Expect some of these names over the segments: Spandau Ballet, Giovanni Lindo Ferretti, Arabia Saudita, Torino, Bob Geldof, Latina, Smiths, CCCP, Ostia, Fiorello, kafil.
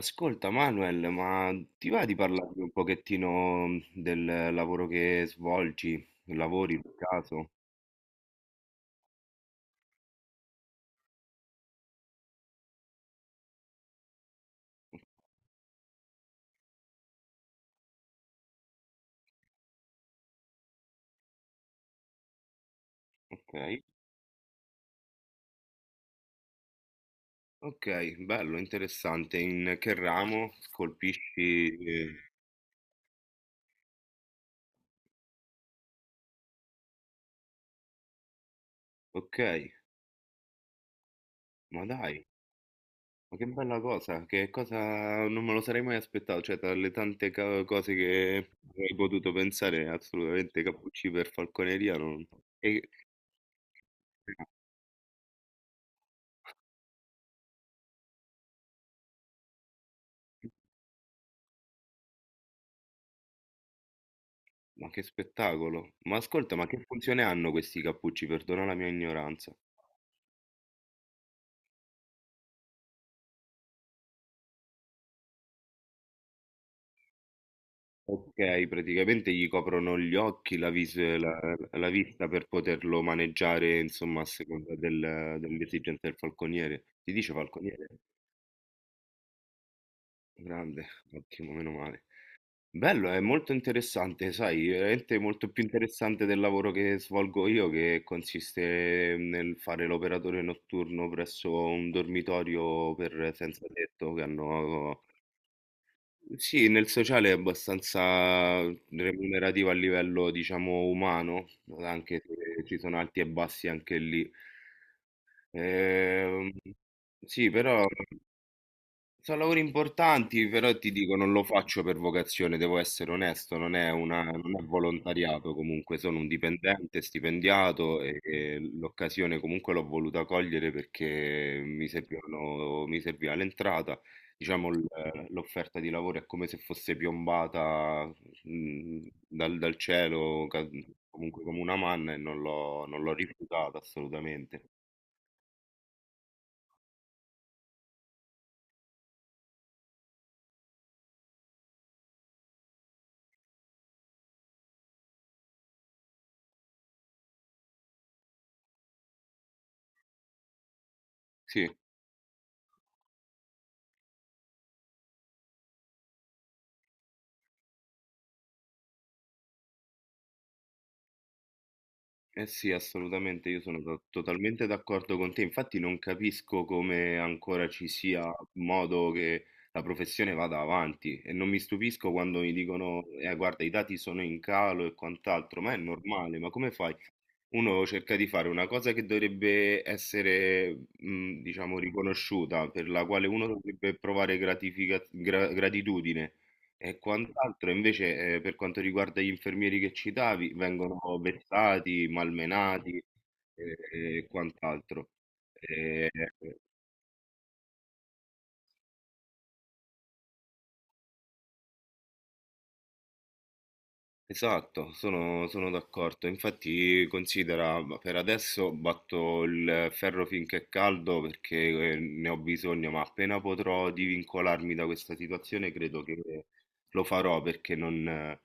Ascolta Manuel, ma ti va di parlarmi un pochettino del lavoro che svolgi? Lavori per caso? Ok, ok, bello, interessante. In che ramo colpisci? Ok, ma dai, ma che bella cosa, che cosa non me lo sarei mai aspettato, cioè tra le tante cose che avrei potuto pensare, assolutamente cappucci per falconeria non... E... Ma che spettacolo! Ma ascolta, ma che funzione hanno questi cappucci? Perdona la mia ignoranza. Okay, praticamente gli coprono gli occhi, la vista per poterlo maneggiare, insomma, a seconda dell'esigenza del falconiere. Si dice falconiere? Grande, ottimo, meno male. Bello, è molto interessante, sai, veramente molto più interessante del lavoro che svolgo io, che consiste nel fare l'operatore notturno presso un dormitorio per senza tetto che hanno. Sì, nel sociale è abbastanza remunerativo a livello, diciamo, umano, anche se ci sono alti e bassi anche lì. Ehm, sì, però sono lavori importanti, però ti dico, non lo faccio per vocazione, devo essere onesto, non è una, non è volontariato comunque, sono un dipendente, stipendiato e l'occasione comunque l'ho voluta cogliere perché mi servivano, mi serviva l'entrata, diciamo l'offerta di lavoro è come se fosse piombata dal cielo, comunque come una manna e non l'ho rifiutata assolutamente. Sì. Eh sì, assolutamente, io sono totalmente d'accordo con te. Infatti non capisco come ancora ci sia modo che la professione vada avanti e non mi stupisco quando mi dicono, guarda, i dati sono in calo e quant'altro, ma è normale, ma come fai? Uno cerca di fare una cosa che dovrebbe essere, diciamo, riconosciuta, per la quale uno dovrebbe provare gratitudine. E quant'altro, invece, per quanto riguarda gli infermieri che citavi, vengono vessati, malmenati e e quant'altro. Ehm Esatto, sono, sono d'accordo. Infatti, considera, ma per adesso batto il ferro finché è caldo perché ne ho bisogno, ma appena potrò divincolarmi da questa situazione, credo che lo farò perché non,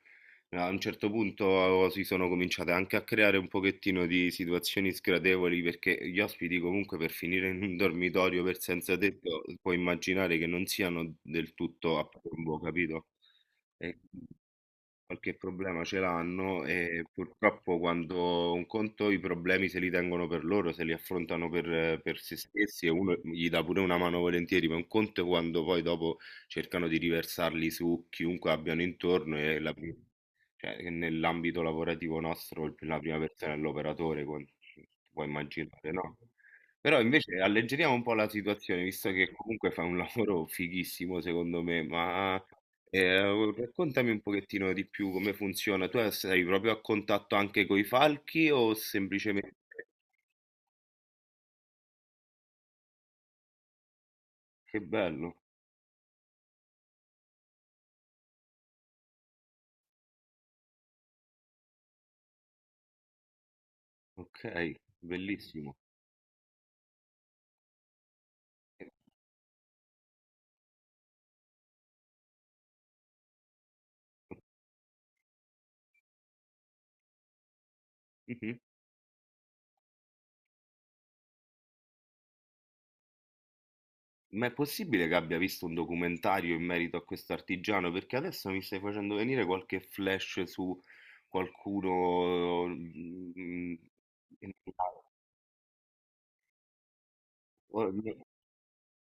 a un certo punto oh, si sono cominciate anche a creare un pochettino di situazioni sgradevoli perché gli ospiti comunque per finire in un dormitorio per senza tetto, puoi immaginare che non siano del tutto a piombo, capito? E qualche problema ce l'hanno e purtroppo quando un conto i problemi se li tengono per loro, se li affrontano per se stessi e uno gli dà pure una mano volentieri, ma un conto è quando poi dopo cercano di riversarli su chiunque abbiano intorno e la pri cioè, che nell'ambito lavorativo nostro il la prima persona è l'operatore, con puoi immaginare, no? Però invece alleggeriamo un po' la situazione, visto che comunque fai un lavoro fighissimo secondo me, ma eh, raccontami un pochettino di più come funziona. Tu sei proprio a contatto anche con i falchi o semplicemente... Che bello, ok, bellissimo. Mhm. Ma è possibile che abbia visto un documentario in merito a questo artigiano? Perché adesso mi stai facendo venire qualche flash su qualcuno, in- o-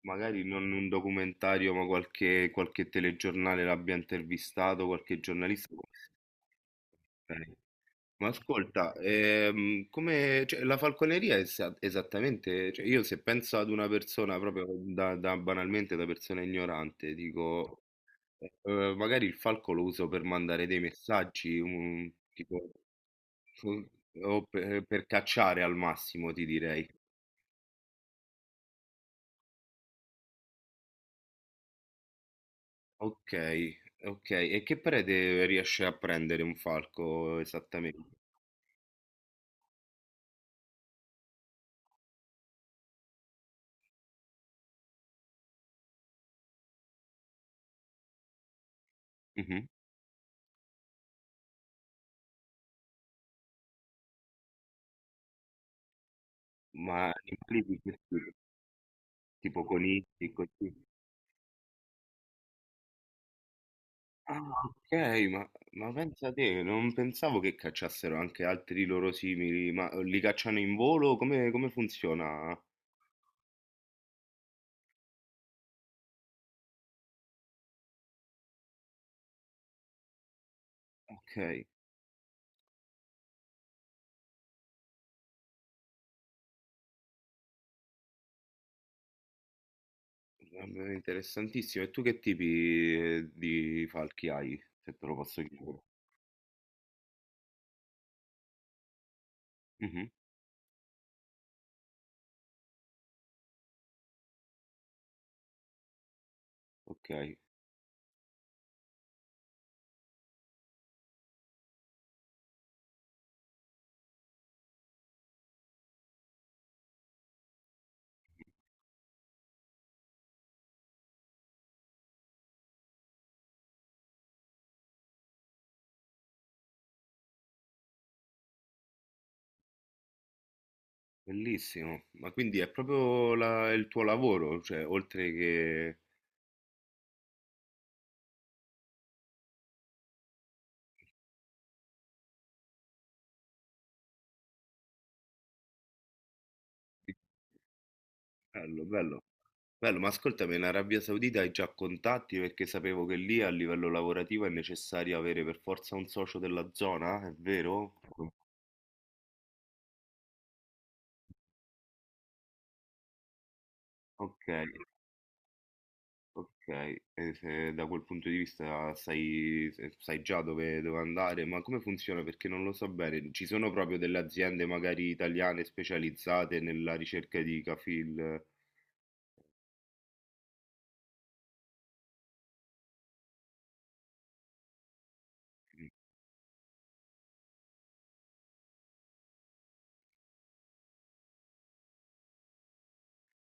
magari non un documentario, ma qualche telegiornale l'abbia intervistato, qualche giornalista. Ma ascolta, come, cioè, la falconeria è esattamente, cioè, io se penso ad una persona proprio banalmente da persona ignorante, dico, magari il falco lo uso per mandare dei messaggi, tipo, fu- o per cacciare al massimo, ti direi. Ok, ok, e che prede riesce a prendere un falco esattamente? Mhm. Ma animali di che tipo, tipo conigli, così. Ah, okay, ma pensa te, non pensavo che cacciassero anche altri loro simili, ma li cacciano in volo? Come funziona? Okay, vabbè, interessantissimo. E tu che tipi, di falchi hai, se te lo posso chiedere? Mh-mh, okay, bellissimo. Ma quindi è proprio la il tuo lavoro, cioè oltre che bello, bello. Bello, ma ascoltami, in Arabia Saudita hai già contatti perché sapevo che lì a livello lavorativo è necessario avere per forza un socio della zona, è vero? Ok, ok, e se da quel punto di vista sai, sai già dove andare, ma come funziona? Perché non lo so bene. Ci sono proprio delle aziende magari italiane specializzate nella ricerca di kafil?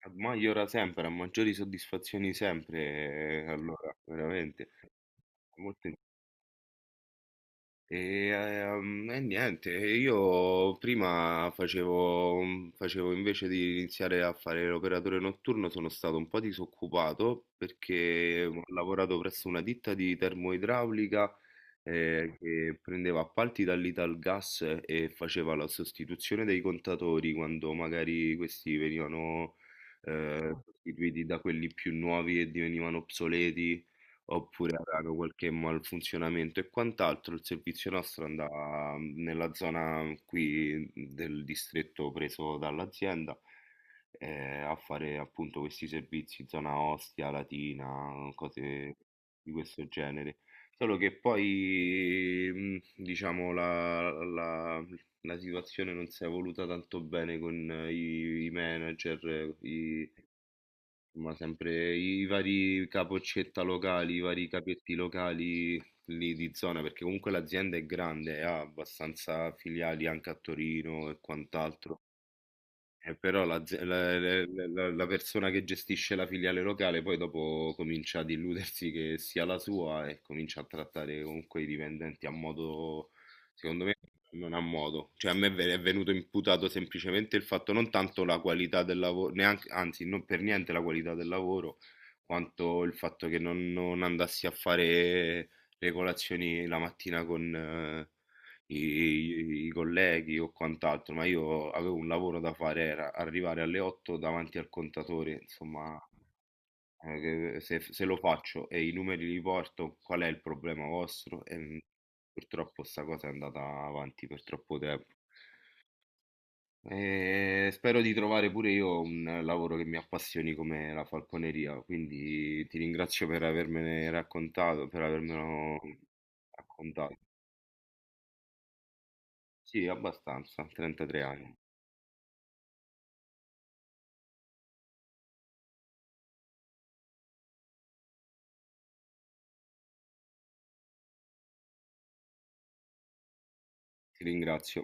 A Maggiora sempre, a maggiori soddisfazioni sempre, allora, veramente. Molto e, e niente, io prima facevo, facevo invece di iniziare a fare l'operatore notturno, sono stato un po' disoccupato perché ho lavorato presso una ditta di termoidraulica che prendeva appalti dall'Italgas e faceva la sostituzione dei contatori quando magari questi venivano sostituiti da quelli più nuovi e divenivano obsoleti oppure avevano qualche malfunzionamento e quant'altro, il servizio nostro andava nella zona qui del distretto preso dall'azienda, a fare appunto questi servizi, zona Ostia, Latina, cose di questo genere. Solo che poi, diciamo, la situazione non si è evoluta tanto bene con i manager, ma sempre i vari capoccetta locali, i vari capetti locali lì di zona, perché comunque l'azienda è grande, ha abbastanza filiali anche a Torino e quant'altro. Però la, ze- la- la- la- la persona che gestisce la filiale locale poi dopo comincia ad illudersi che sia la sua e comincia a trattare comunque i dipendenti a modo, secondo me, non a modo. Cioè a me è venuto imputato semplicemente il fatto non tanto la qualità del lavoro, neanche, anzi non per niente la qualità del lavoro, quanto il fatto che non andassi a fare le colazioni la mattina con, i colleghi o quant'altro, ma io avevo un lavoro da fare, era arrivare alle 8 davanti al contatore, insomma, eh, che se lo faccio e i numeri li porto, qual è il problema vostro? E purtroppo sta cosa è andata avanti per troppo tempo. E spero di trovare pure io un lavoro che mi appassioni come la falconeria, quindi ti ringrazio per avermene raccontato, per avermelo raccontato. Sì, abbastanza, 33 anni. Ti ringrazio.